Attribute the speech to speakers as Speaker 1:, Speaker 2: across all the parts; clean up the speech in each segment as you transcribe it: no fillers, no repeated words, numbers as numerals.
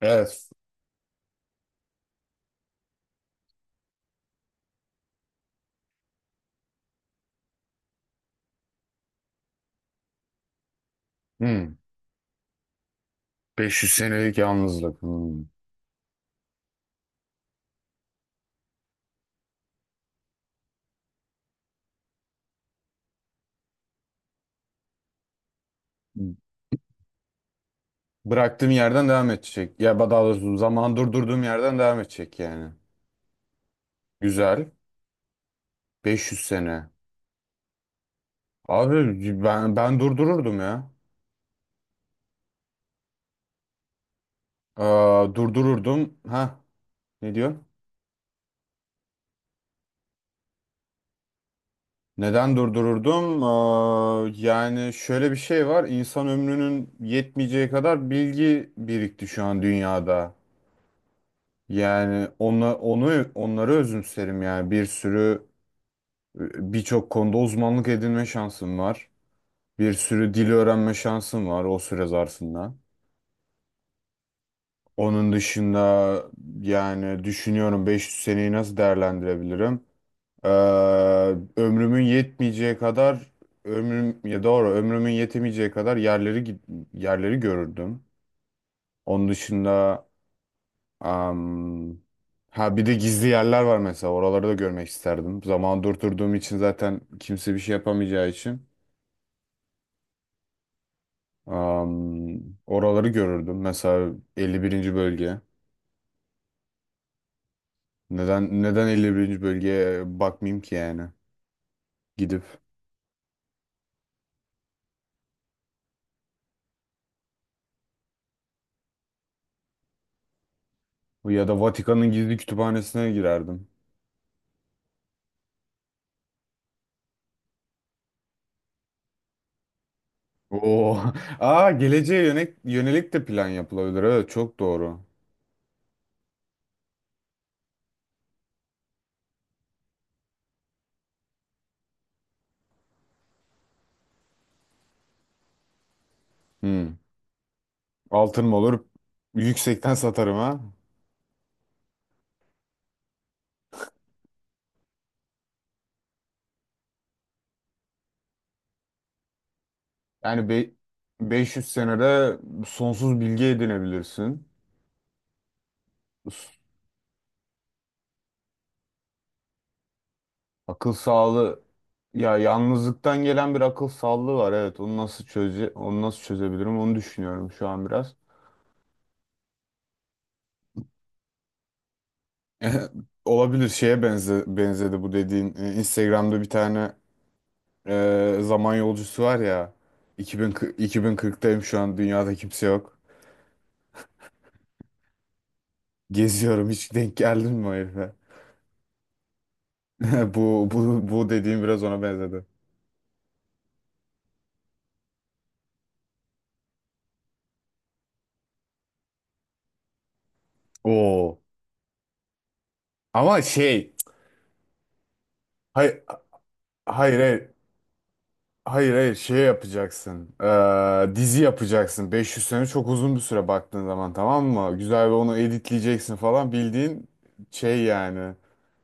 Speaker 1: Evet. Hmm. 500 senelik yalnızlık. Hmm. Bıraktığım yerden devam edecek. Ya daha doğrusu zaman durdurduğum yerden devam edecek yani. Güzel. 500 sene. Abi ben durdururdum ya. Durdururdum. Ha ne diyor? Neden durdururdum? Yani şöyle bir şey var. İnsan ömrünün yetmeyeceği kadar bilgi birikti şu an dünyada. Yani onu onları özümserim yani birçok konuda uzmanlık edinme şansım var. Bir sürü dil öğrenme şansım var o süre zarfında. Onun dışında yani düşünüyorum, 500 seneyi nasıl değerlendirebilirim? Ee, Ömrümün yetmeyeceği kadar ömrümün yetemeyeceği kadar yerleri görürdüm. Onun dışında am, ha bir de gizli yerler var mesela, oraları da görmek isterdim. Zaman durdurduğum için zaten kimse bir şey yapamayacağı için. Am, Oraları görürdüm. Mesela 51. bölge. Neden 51. bölgeye bakmayayım ki yani? Gidip ya da Vatikan'ın gizli kütüphanesine girerdim. Oo. Aa, geleceğe yönelik, de plan yapılabilir. Evet, çok doğru. Hmm. Altınım olur. Yüksekten satarım ha. Yani be- 500 senede sonsuz bilgi edinebilirsin. Akıl sağlığı, ya yalnızlıktan gelen bir akıl sağlığı var, evet, onu nasıl çözebilirim onu düşünüyorum şu an biraz. Olabilir, şeye benzedi bu dediğin. Instagram'da bir tane zaman yolcusu var ya, 2040'tayım, şu an dünyada kimse yok. Geziyorum. Hiç denk geldin mi o herife? Bu dediğim biraz ona benzedi. Oo. Ama şey Hayır, hayır. Hayır, şey yapacaksın. Dizi yapacaksın. 500 sene çok uzun bir süre baktığın zaman, tamam mı? Güzel bir onu editleyeceksin falan. Bildiğin şey yani.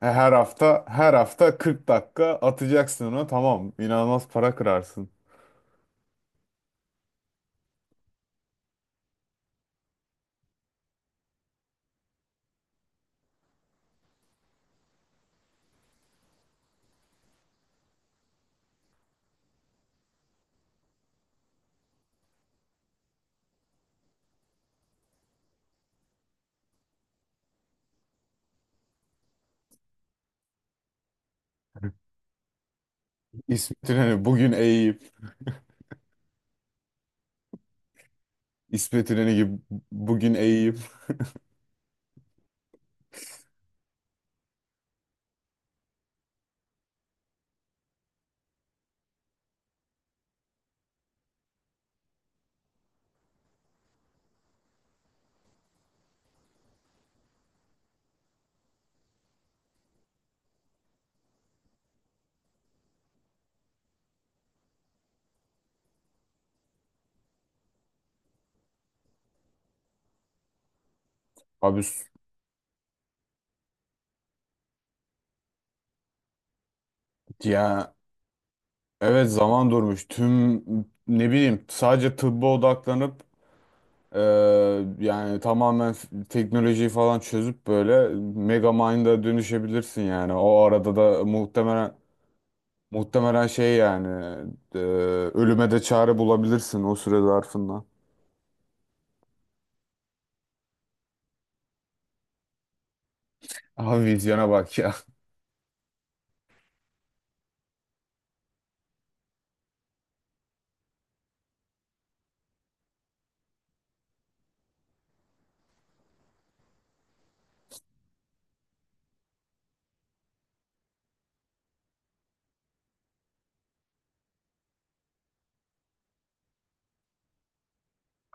Speaker 1: He, her hafta 40 dakika atacaksın ona, tamam. İnanılmaz para kırarsın. İsmet İnönü bugün eğip İsmet İnönü gibi bugün eğip, abi s- ya evet, zaman durmuş. Tüm, ne bileyim, sadece tıbba odaklanıp, Ee, yani tamamen teknolojiyi falan çözüp böyle Megamind dönüşebilirsin yani. O arada da muhtemelen muhtemelen şey yani e, ölüme de çare bulabilirsin o süre zarfında. Abi vizyona bak ya.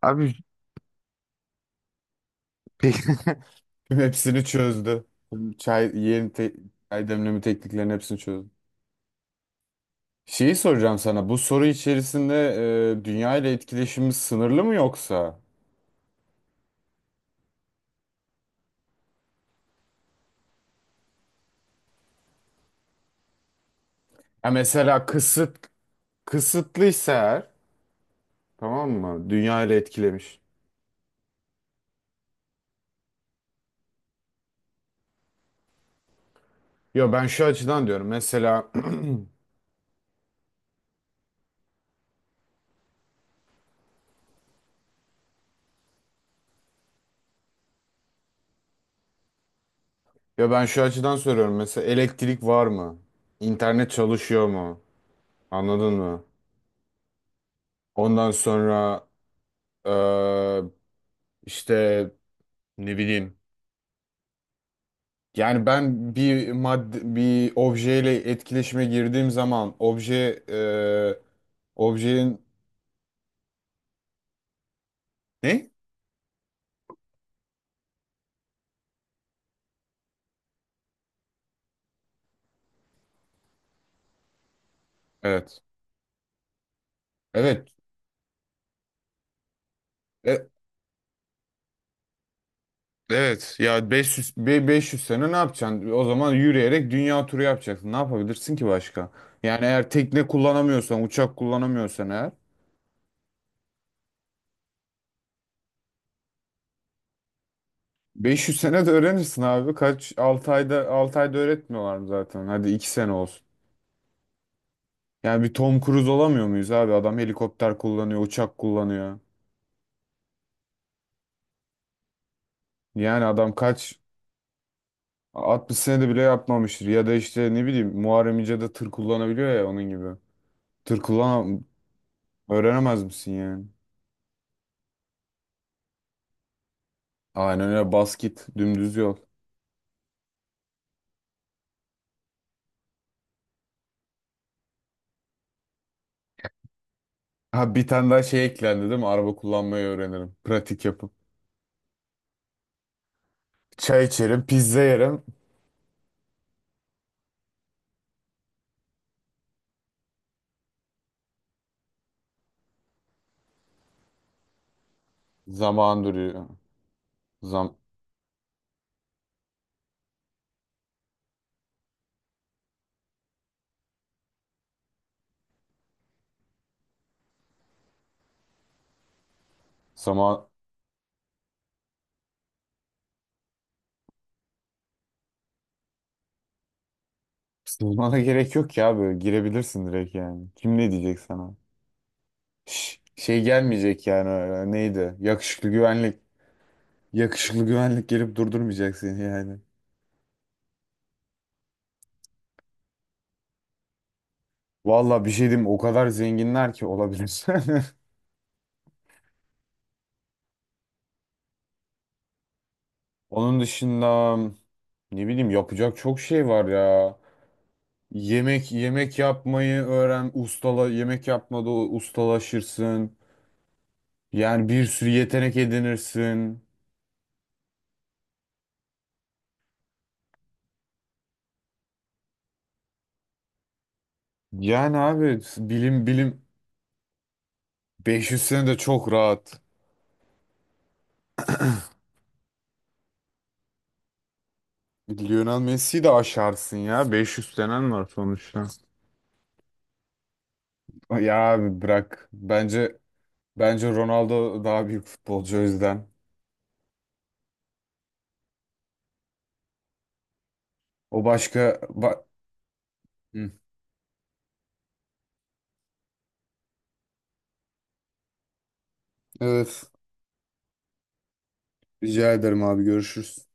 Speaker 1: Abi peki. Hepsini çözdü. Tüm çay, yeni te çay demleme tekniklerinin hepsini çözdü. Şeyi soracağım sana. Bu soru içerisinde, dünya ile etkileşimimiz sınırlı mı yoksa? Ya mesela kısıtlıysa eğer, tamam mı? Dünya ile etkilemiş. Ya ben şu açıdan diyorum. Mesela ya ben şu açıdan soruyorum. Mesela elektrik var mı? İnternet çalışıyor mu? Anladın mı? Ondan sonra eee, işte ne bileyim. Yani ben bir madde, bir objeyle etkileşime girdiğim zaman objenin ne? Evet. Evet. E, Evet ya, 500 sene ne yapacaksın? O zaman yürüyerek dünya turu yapacaksın. Ne yapabilirsin ki başka? Yani eğer tekne kullanamıyorsan, uçak kullanamıyorsan eğer, 500 sene de öğrenirsin abi. Kaç? 6 ayda öğretmiyorlar mı zaten? Hadi 2 sene olsun. Yani bir Tom Cruise olamıyor muyuz abi? Adam helikopter kullanıyor, uçak kullanıyor. Yani adam kaç, 60 senede bile yapmamıştır. Ya da işte ne bileyim, Muharrem İnce de tır kullanabiliyor ya, onun gibi. Tır kullan Öğrenemez misin yani? Aynen öyle, basket dümdüz yol. Ha, bir tane daha şey eklendi değil mi? Araba kullanmayı öğrenirim. Pratik yapıp. Çay içerim, pizza yerim. Zaman duruyor. Zam zaman Zamana gerek yok ya, böyle girebilirsin direkt yani. Kim ne diyecek sana? Şş, şey gelmeyecek yani öyle. Neydi? Yakışıklı güvenlik. Yakışıklı güvenlik gelip durdurmayacak seni yani. Valla bir şey diyeyim, o kadar zenginler ki olabilir. Onun dışında ne bileyim, yapacak çok şey var ya. Yemek yapmayı öğren, yemek yapmada ustalaşırsın. Yani bir sürü yetenek edinirsin. Yani abi bilim, 500 sene de çok rahat. Lionel Messi'yi de aşarsın ya. 500 senen var sonuçta. Ya abi bırak. Bence Ronaldo daha büyük futbolcu, o yüzden. O başka ba- Hı. Evet. Rica ederim abi, görüşürüz.